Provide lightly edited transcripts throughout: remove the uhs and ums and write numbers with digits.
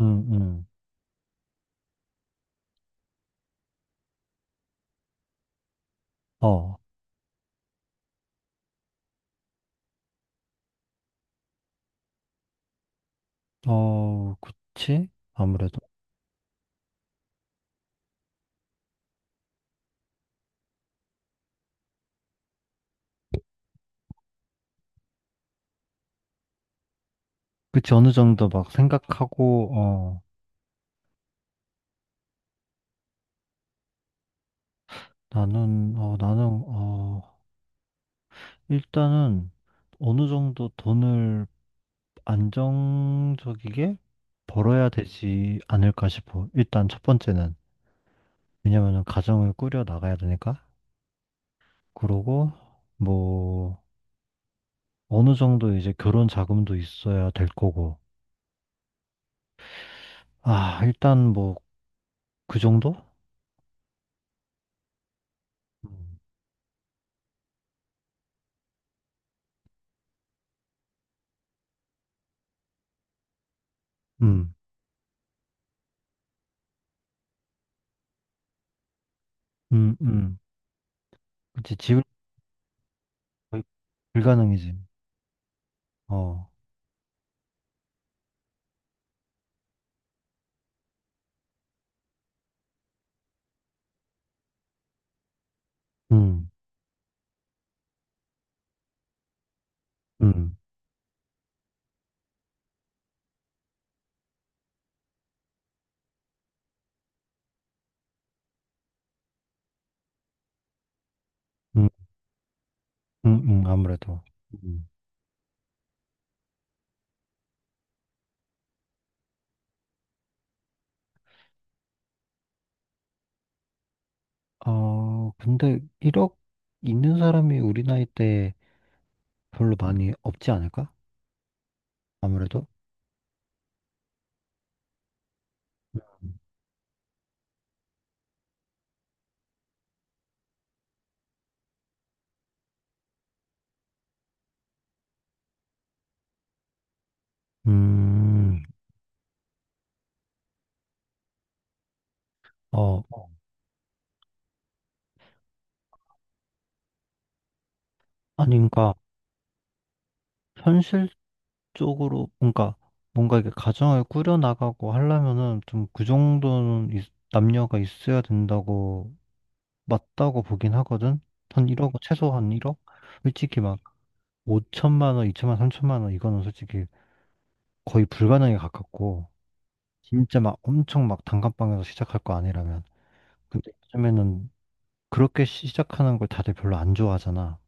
음, 음. 어, 어, 그치? 아무래도. 그치, 어느 정도 막 생각하고, 어, 나는, 어, 일단은 어느 정도 돈을 안정적이게 벌어야 되지 않을까 싶어. 일단 첫 번째는. 왜냐면은 가정을 꾸려 나가야 되니까. 그러고, 뭐, 어느 정도 이제 결혼 자금도 있어야 될 거고. 아, 일단 뭐, 그 정도? 음, 음, 음. 그치, 거의 불가능이지. 어, 음, 음, 음, 아무래도. 음. 어, 근데 1억 있는 사람이 우리 나이 때 별로 많이 없지 않을까? 아무래도. 음, 어, 아니, 그러니까, 현실적으로, 그러니까, 뭔가 이게 가정을 꾸려나가고 하려면은 좀 그 정도는 남녀가 있어야 된다고, 맞다고 보긴 하거든? 한 1억, 최소 한 1억? 솔직히 5천만 원, 2천만 원, 3천만 원 이거는 솔직히 거의 불가능에 가깝고 진짜 막 엄청 막 단칸방에서 시작할 거 아니라면 근데 요즘에는 그렇게 시작하는 걸 다들 별로 안 좋아하잖아.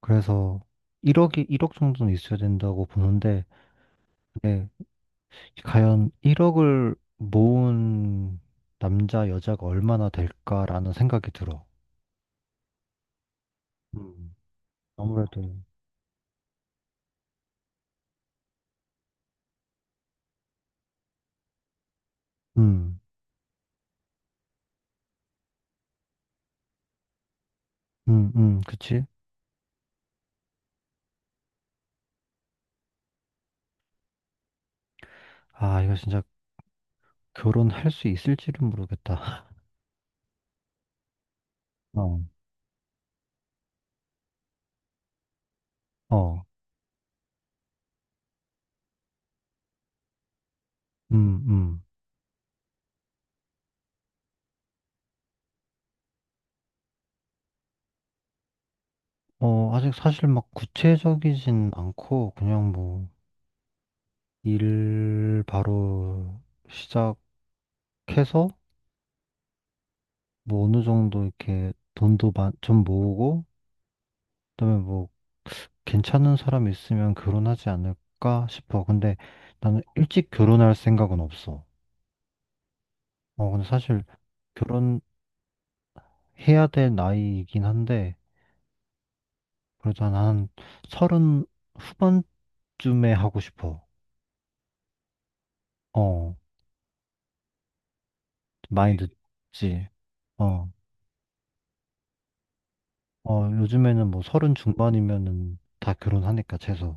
그래서 1억이 1억 정도는 있어야 된다고 보는데 근데 과연 1억을 모은 남자, 여자가 얼마나 될까라는 생각이 들어. 음. 아무래도 음, 그치? 아, 이거 진짜 결혼할 수 있을지는 모르겠다. 어. 어. 음, 음. 어, 아직 사실 막 구체적이진 않고, 그냥 뭐, 일 바로 시작해서, 뭐 어느 정도 이렇게 돈도 좀 모으고, 그다음에 뭐, 괜찮은 사람 있으면 결혼하지 않을까 싶어. 근데 나는 일찍 결혼할 생각은 없어. 어, 근데 사실 결혼해야 될 나이이긴 한데, 그래도 난 서른 후반쯤에 하고 싶어. 어, 많이 네. 늦지. 어. 어, 요즘에는 뭐 서른 중반이면은 다 결혼하니까 최소.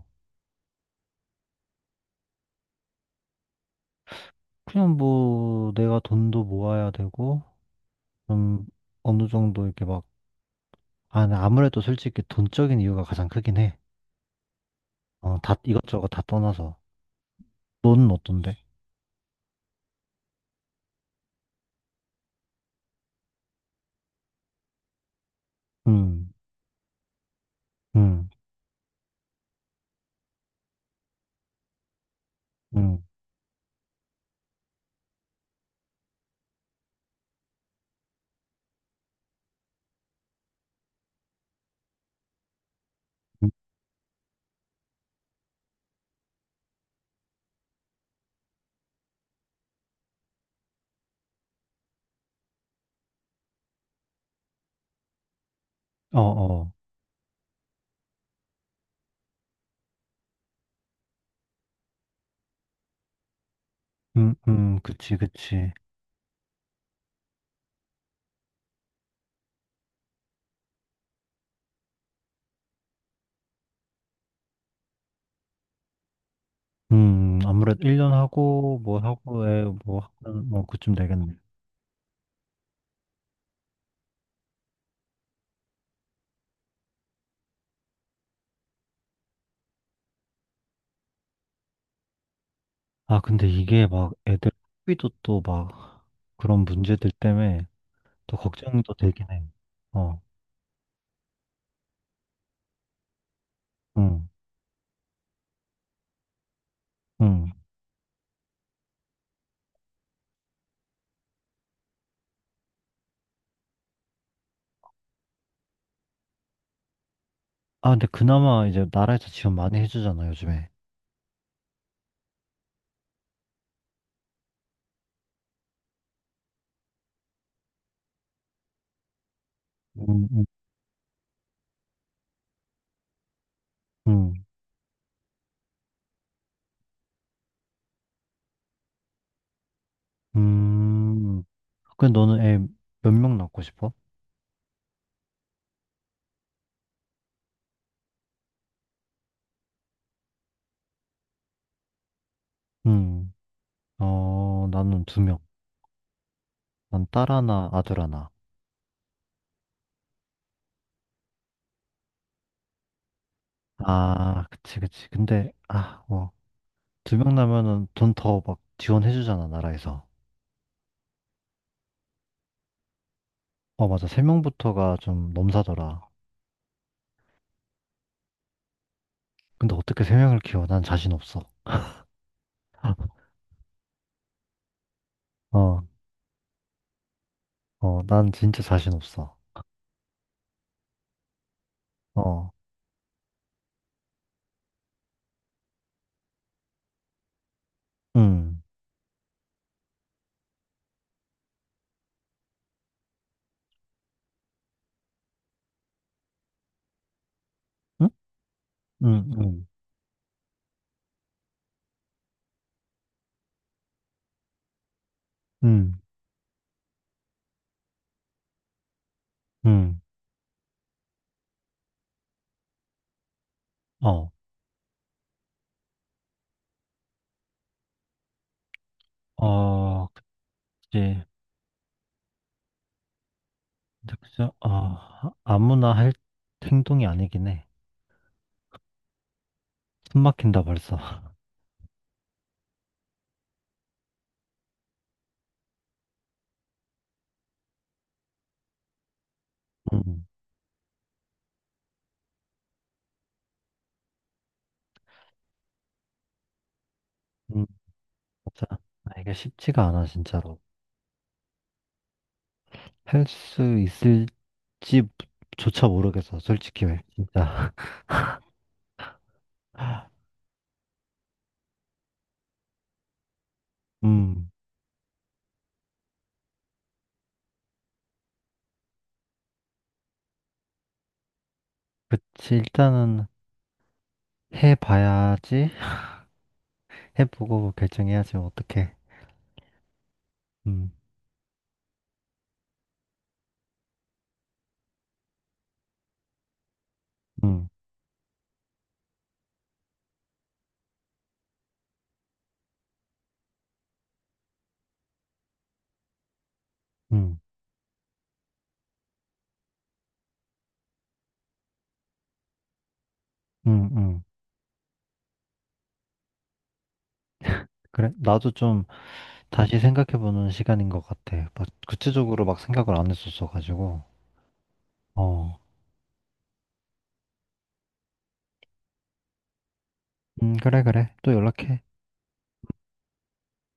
그냥 뭐 내가 돈도 모아야 되고 좀 어느 정도 이렇게 막 아, 나 아무래도 솔직히 돈적인 이유가 가장 크긴 해. 어, 다 이것저것 다 떠나서. 너는 어떤데? 음, 음, 음, 음, 어, 어, 그치, 그치. 아무래도 1년 하고 뭐 하고에 뭐 하면 뭐 그쯤 되겠네. 아, 근데 이게 막 애들 학비도 또 막 그런 문제들 때문에 또 걱정도 되긴 해. 어, 응, 응. 아, 근데 그나마 이제 나라에서 지원 많이 해주잖아, 요즘에. 음, 음, 음. 음. 근데 너는 애 몇 명 낳고 싶어? 음, 어, 나는 두 명. 난 딸 하나, 아들 하나. 아, 그치, 그치. 근데, 아, 뭐, 두 명 나면은 돈 더 막 지원해주잖아, 나라에서. 어, 맞아. 세 명부터가 좀 넘사더라. 근데 어떻게 세 명을 키워? 난 자신 없어. 어, 어, 난 진짜 자신 없어. 어, 응. 응? 응, 응, 응, 응. 어, 어, 그치. 그쵸? 어, 아무나 할 행동이 아니긴 해. 숨 막힌다 벌써. 응, 응, 맞아. 아, 이게 쉽지가 않아, 진짜로. 할 수 있을지조차 모르겠어, 솔직히. 진짜. 음, 그치. 일단은 해봐야지. 해보고 결정해야지, 어떡해. 음, 음, 음, 음, 음. 그래, 나도 좀 다시 생각해보는 시간인 것 같아. 막 구체적으로 막 생각을 안 했었어가지고. 어, 그래, 그래. 또 연락해.